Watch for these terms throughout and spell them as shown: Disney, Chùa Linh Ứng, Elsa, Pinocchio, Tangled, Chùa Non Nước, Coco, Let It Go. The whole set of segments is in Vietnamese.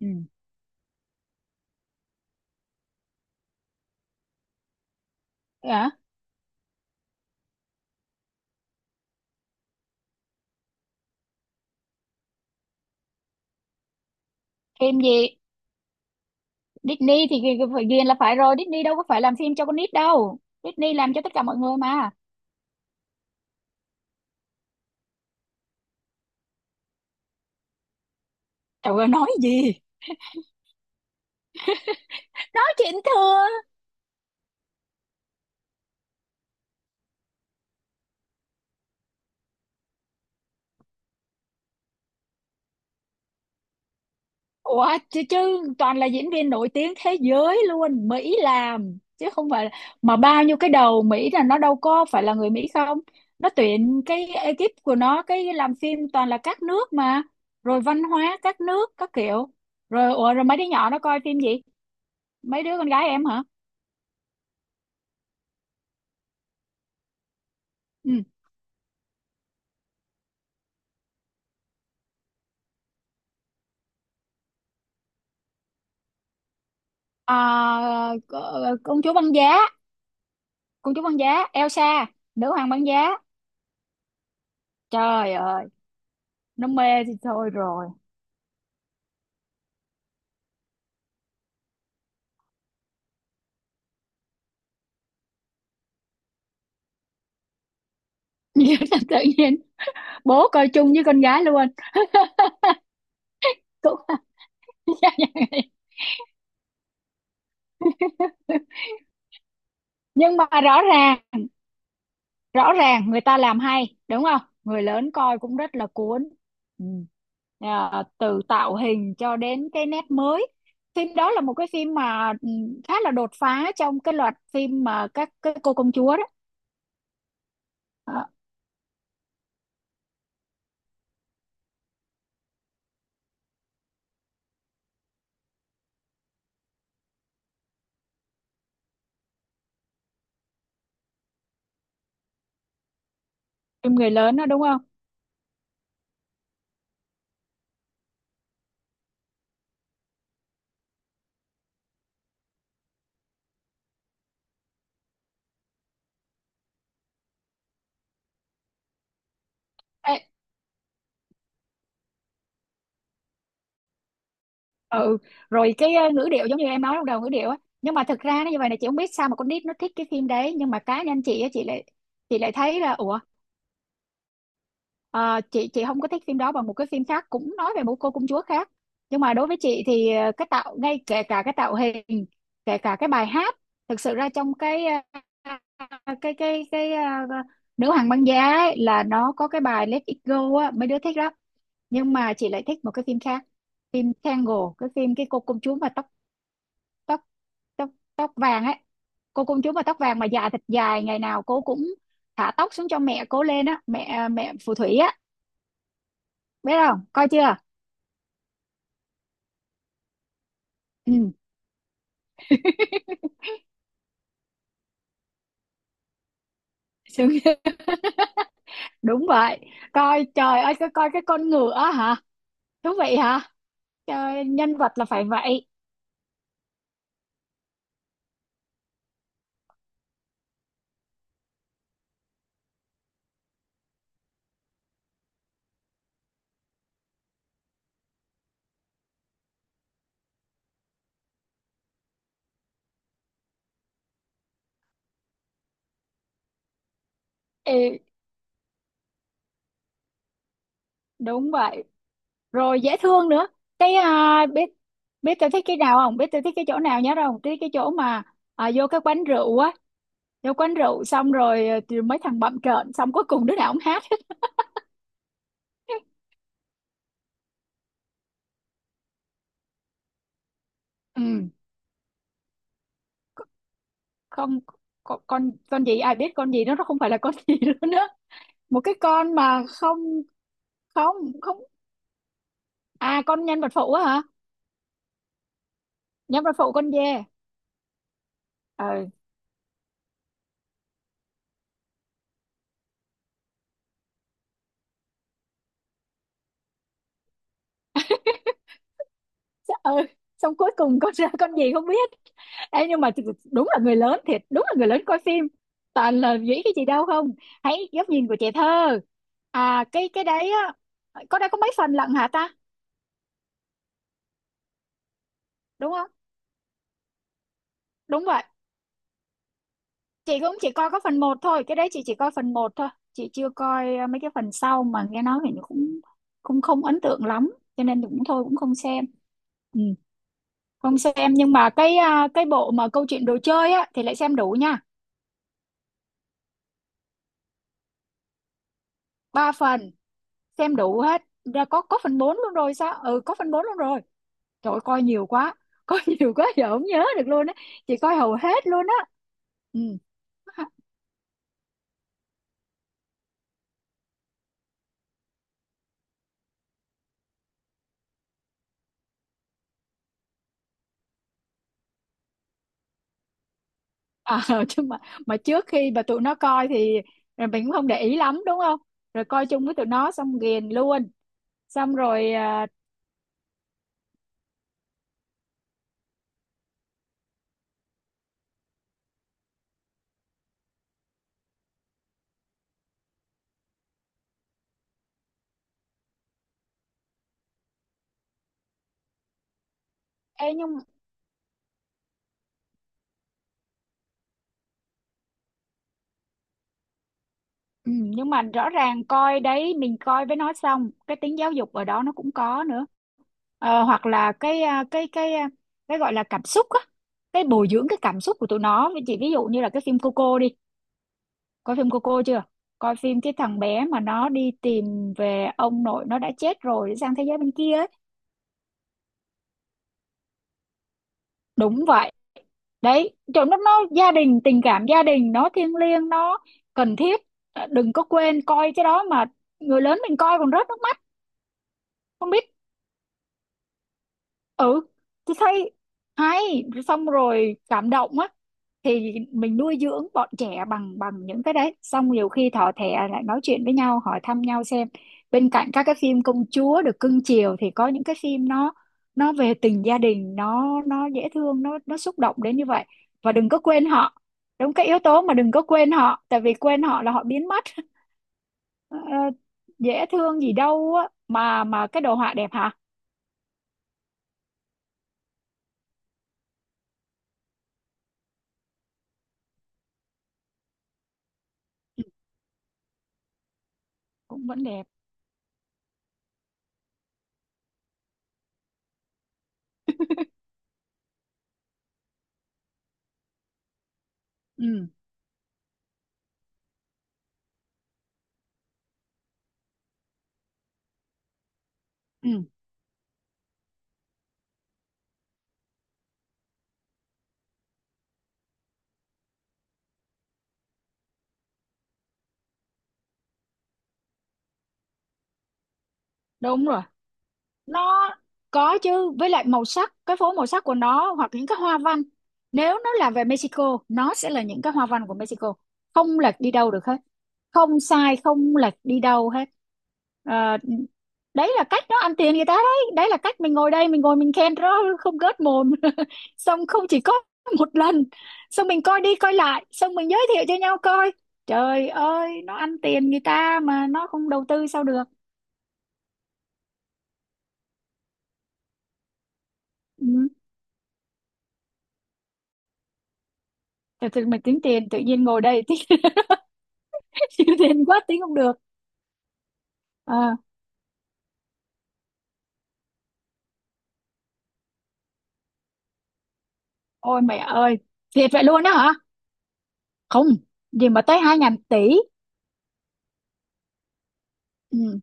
Ừ. Hả? Phim gì? Disney thì phải ghiền là phải rồi. Disney đâu có phải làm phim cho con nít đâu. Disney làm cho tất cả mọi người mà. Trời ơi, nói gì? Nói chuyện thừa. Ủa, chứ toàn là diễn viên nổi tiếng thế giới luôn. Mỹ làm. Chứ không phải là... Mà bao nhiêu cái đầu Mỹ là nó đâu có phải là người Mỹ không? Nó tuyển cái ekip của nó, cái làm phim toàn là các nước mà. Rồi văn hóa các nước, các kiểu. Rồi, ủa, rồi mấy đứa nhỏ nó coi phim gì? Mấy đứa con gái em hả? Ừ. Ờ, Công chúa băng giá, công chúa băng giá Elsa, nữ hoàng băng giá. Trời ơi, nó mê thì thôi rồi. Tự nhiên bố coi chung với con gái luôn. Cũng vậy. Nhưng mà rõ ràng, rõ ràng người ta làm hay đúng không, người lớn coi cũng rất là cuốn. Ừ. Từ tạo hình cho đến cái nét mới, phim đó là một cái phim mà khá là đột phá trong cái loạt phim mà các cái cô công chúa đó. Ờ, phim người lớn đó đúng không? Ê, ừ, rồi cái ngữ điệu, giống như em nói lúc đầu, ngữ điệu á. Nhưng mà thực ra nó như vậy này, chị không biết sao mà con nít nó thích cái phim đấy, nhưng mà cá nhân chị á, chị lại thấy là ủa, chị không có thích phim đó bằng một cái phim khác cũng nói về một cô công chúa khác. Nhưng mà đối với chị thì cái tạo ngay, kể cả cái tạo hình, kể cả cái bài hát, thực sự ra trong cái ờ, cái cái cái ờ, nữ hoàng băng giá ấy, là nó có cái bài Let It Go á, mấy đứa thích lắm. Nhưng mà chị lại thích một cái phim khác, phim Tangle, cái phim cái cô công chúa mà tóc tóc tóc vàng ấy, cô công chúa mà tóc vàng mà dài thật dài, ngày nào cô cũng thả tóc xuống cho mẹ cô lên á, mẹ, mẹ phù thủy á. Biết không, coi chưa? Ừ. Sướng chưa? Đúng vậy. Coi trời ơi, coi, coi cái con ngựa hả? Thú vị hả? Trời, nhân vật là phải vậy. Ừ, đúng vậy. Rồi dễ thương nữa. Cái biết, biết tôi thích cái nào không, biết tôi thích cái chỗ nào nhớ không, thích cái chỗ mà vô cái quán rượu á, vô quán rượu xong rồi, thì mấy thằng bậm trợn xong cuối cùng đứa nào cũng hát hết. Ừ, không. Con gì ai biết, con gì đó, nó không phải là con gì nữa nữa. Một cái con mà không, không, không. À, con nhân vật phụ á hả? Nhân vật phụ con dê. Ờ. Dạ, ừ. Xong cuối cùng con ra con gì không biết. Ê, nhưng mà đúng là người lớn thiệt, đúng là người lớn coi phim toàn là nghĩ cái gì đâu không, hãy góc nhìn của trẻ thơ. À, cái đấy á. Có đây, có mấy phần lận hả ta? Đúng không? Đúng vậy. Chị cũng chỉ coi có phần một thôi, cái đấy chị chỉ coi phần một thôi, chị chưa coi mấy cái phần sau, mà nghe nói thì nó cũng cũng không ấn tượng lắm, cho nên cũng thôi cũng không xem. Ừ, không xem. Nhưng mà cái cái bộ mà câu chuyện đồ chơi á thì lại xem đủ nha. Ba phần, xem đủ hết. Ra có phần 4 luôn rồi sao? Ừ, có phần 4 luôn rồi. Trời ơi, coi nhiều quá coi nhiều quá giờ không nhớ được luôn á. Chị coi hầu hết luôn á. Ừ. Ờ, chứ mà trước khi mà tụi nó coi thì rồi mình cũng không để ý lắm đúng không, rồi coi chung với tụi nó xong ghiền luôn. Xong rồi ê nhưng ừ, nhưng mà rõ ràng coi đấy, mình coi với nó xong cái tính giáo dục ở đó nó cũng có nữa. Ờ, hoặc là cái cái gọi là cảm xúc á, cái bồi dưỡng cái cảm xúc của tụi nó. Với chị ví dụ như là cái phim Coco đi, coi phim Coco chưa? Coi phim cái thằng bé mà nó đi tìm về ông nội nó đã chết rồi để sang thế giới bên kia ấy. Đúng vậy. Đấy chỗ nó gia đình, tình cảm gia đình nó thiêng liêng, nó cần thiết. Ờ, đừng có quên coi cái đó mà, người lớn mình coi còn rớt nước mắt. Không biết. Ừ, tôi thấy hay, xong rồi cảm động á. Thì mình nuôi dưỡng bọn trẻ bằng bằng những cái đấy, xong nhiều khi thỏ thẻ lại nói chuyện với nhau, hỏi thăm nhau xem, bên cạnh các cái phim công chúa được cưng chiều thì có những cái phim nó về tình gia đình, nó dễ thương, nó xúc động đến như vậy. Và đừng có quên họ. Đúng cái yếu tố mà đừng có quên họ, tại vì quên họ là họ biến mất. Ờ, dễ thương gì đâu á, mà cái đồ họa đẹp hả? Ừ, cũng vẫn đẹp. Ừ. Ừ, đúng rồi. Nó có chứ, với lại màu sắc, cái phố màu sắc của nó hoặc những cái hoa văn. Nếu nó là về Mexico, nó sẽ là những cái hoa văn của Mexico. Không lệch đi đâu được hết. Không sai, không lệch đi đâu hết. Ờ, đấy là cách nó ăn tiền người ta đấy. Đấy là cách mình ngồi đây, mình ngồi mình khen đó, không gớt mồm. Xong không chỉ có một lần. Xong mình coi đi coi lại, xong mình giới thiệu cho nhau coi. Trời ơi, nó ăn tiền người ta mà nó không đầu tư sao được. Ừ. Thật sự mà tính tiền tự nhiên ngồi đây tính chịu tiền quá tính không được. À, ôi mẹ ơi, thiệt vậy luôn đó hả? Không, gì mà tới hai ngàn tỷ. Ừ.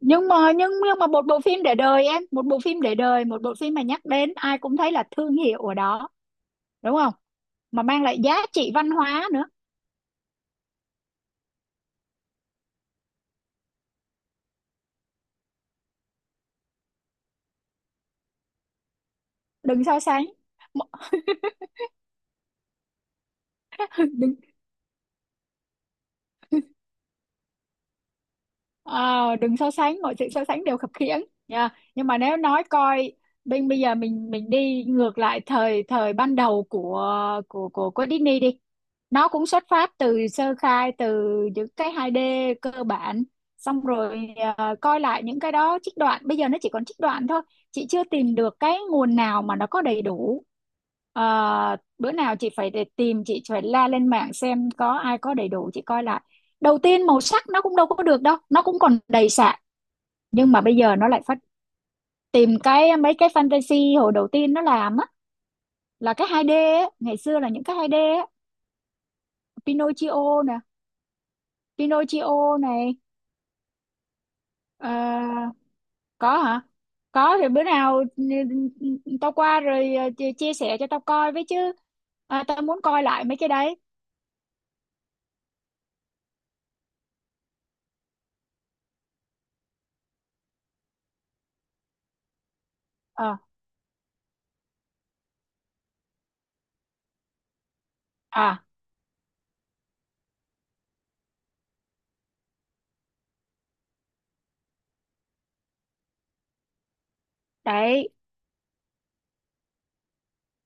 Nhưng mà, nhưng mà một bộ phim để đời em, một bộ phim để đời, một bộ phim mà nhắc đến ai cũng thấy là thương hiệu ở đó, đúng không? Mà mang lại giá trị văn hóa nữa. Đừng so sánh. Mọi- Ờ, đừng so sánh, mọi sự so sánh đều khập khiễng nha. Nhưng mà nếu nói coi, bên bây giờ mình đi ngược lại thời thời ban đầu của Disney đi, nó cũng xuất phát từ sơ khai, từ những cái 2D cơ bản. Xong rồi coi lại những cái đó, trích đoạn bây giờ nó chỉ còn trích đoạn thôi, chị chưa tìm được cái nguồn nào mà nó có đầy đủ. Ờ, bữa nào chị phải để tìm, chị phải la lên mạng xem có ai có đầy đủ chị coi lại. Đầu tiên màu sắc nó cũng đâu có được đâu, nó cũng còn đầy sạn, nhưng mà bây giờ nó lại phát. Tìm cái mấy cái fantasy hồi đầu tiên nó làm á, là cái 2D á, ngày xưa là những cái 2D á. Pinocchio nè, Pinocchio này. Ờ, có hả, có thì bữa nào tao qua rồi chia chia sẻ cho tao coi với chứ. À, tao muốn coi lại mấy cái đấy. Ờ, à đấy.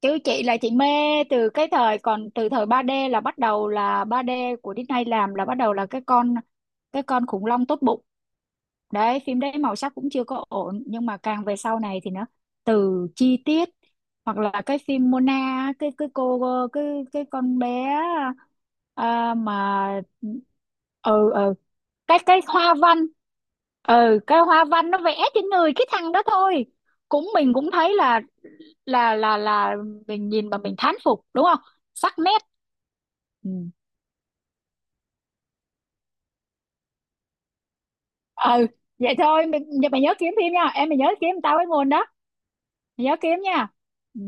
Chứ chị là chị mê từ cái thời còn từ thời 3D, là bắt đầu là 3D của Disney làm, là bắt đầu là cái con, cái con khủng long tốt bụng. Đấy, phim đấy màu sắc cũng chưa có ổn, nhưng mà càng về sau này thì nó từ chi tiết, hoặc là cái phim Mona á, cái cô, cái cái con bé, mà ừ ừ cái hoa văn, ừ cái hoa văn nó vẽ trên người cái thằng đó thôi, cũng mình cũng thấy là mình nhìn mà mình thán phục đúng không, sắc nét. Ừ. Ừ, vậy thôi mình, mày nhớ kiếm phim nha em, mày nhớ kiếm tao cái nguồn đó, mày nhớ kiếm nha. Ừ.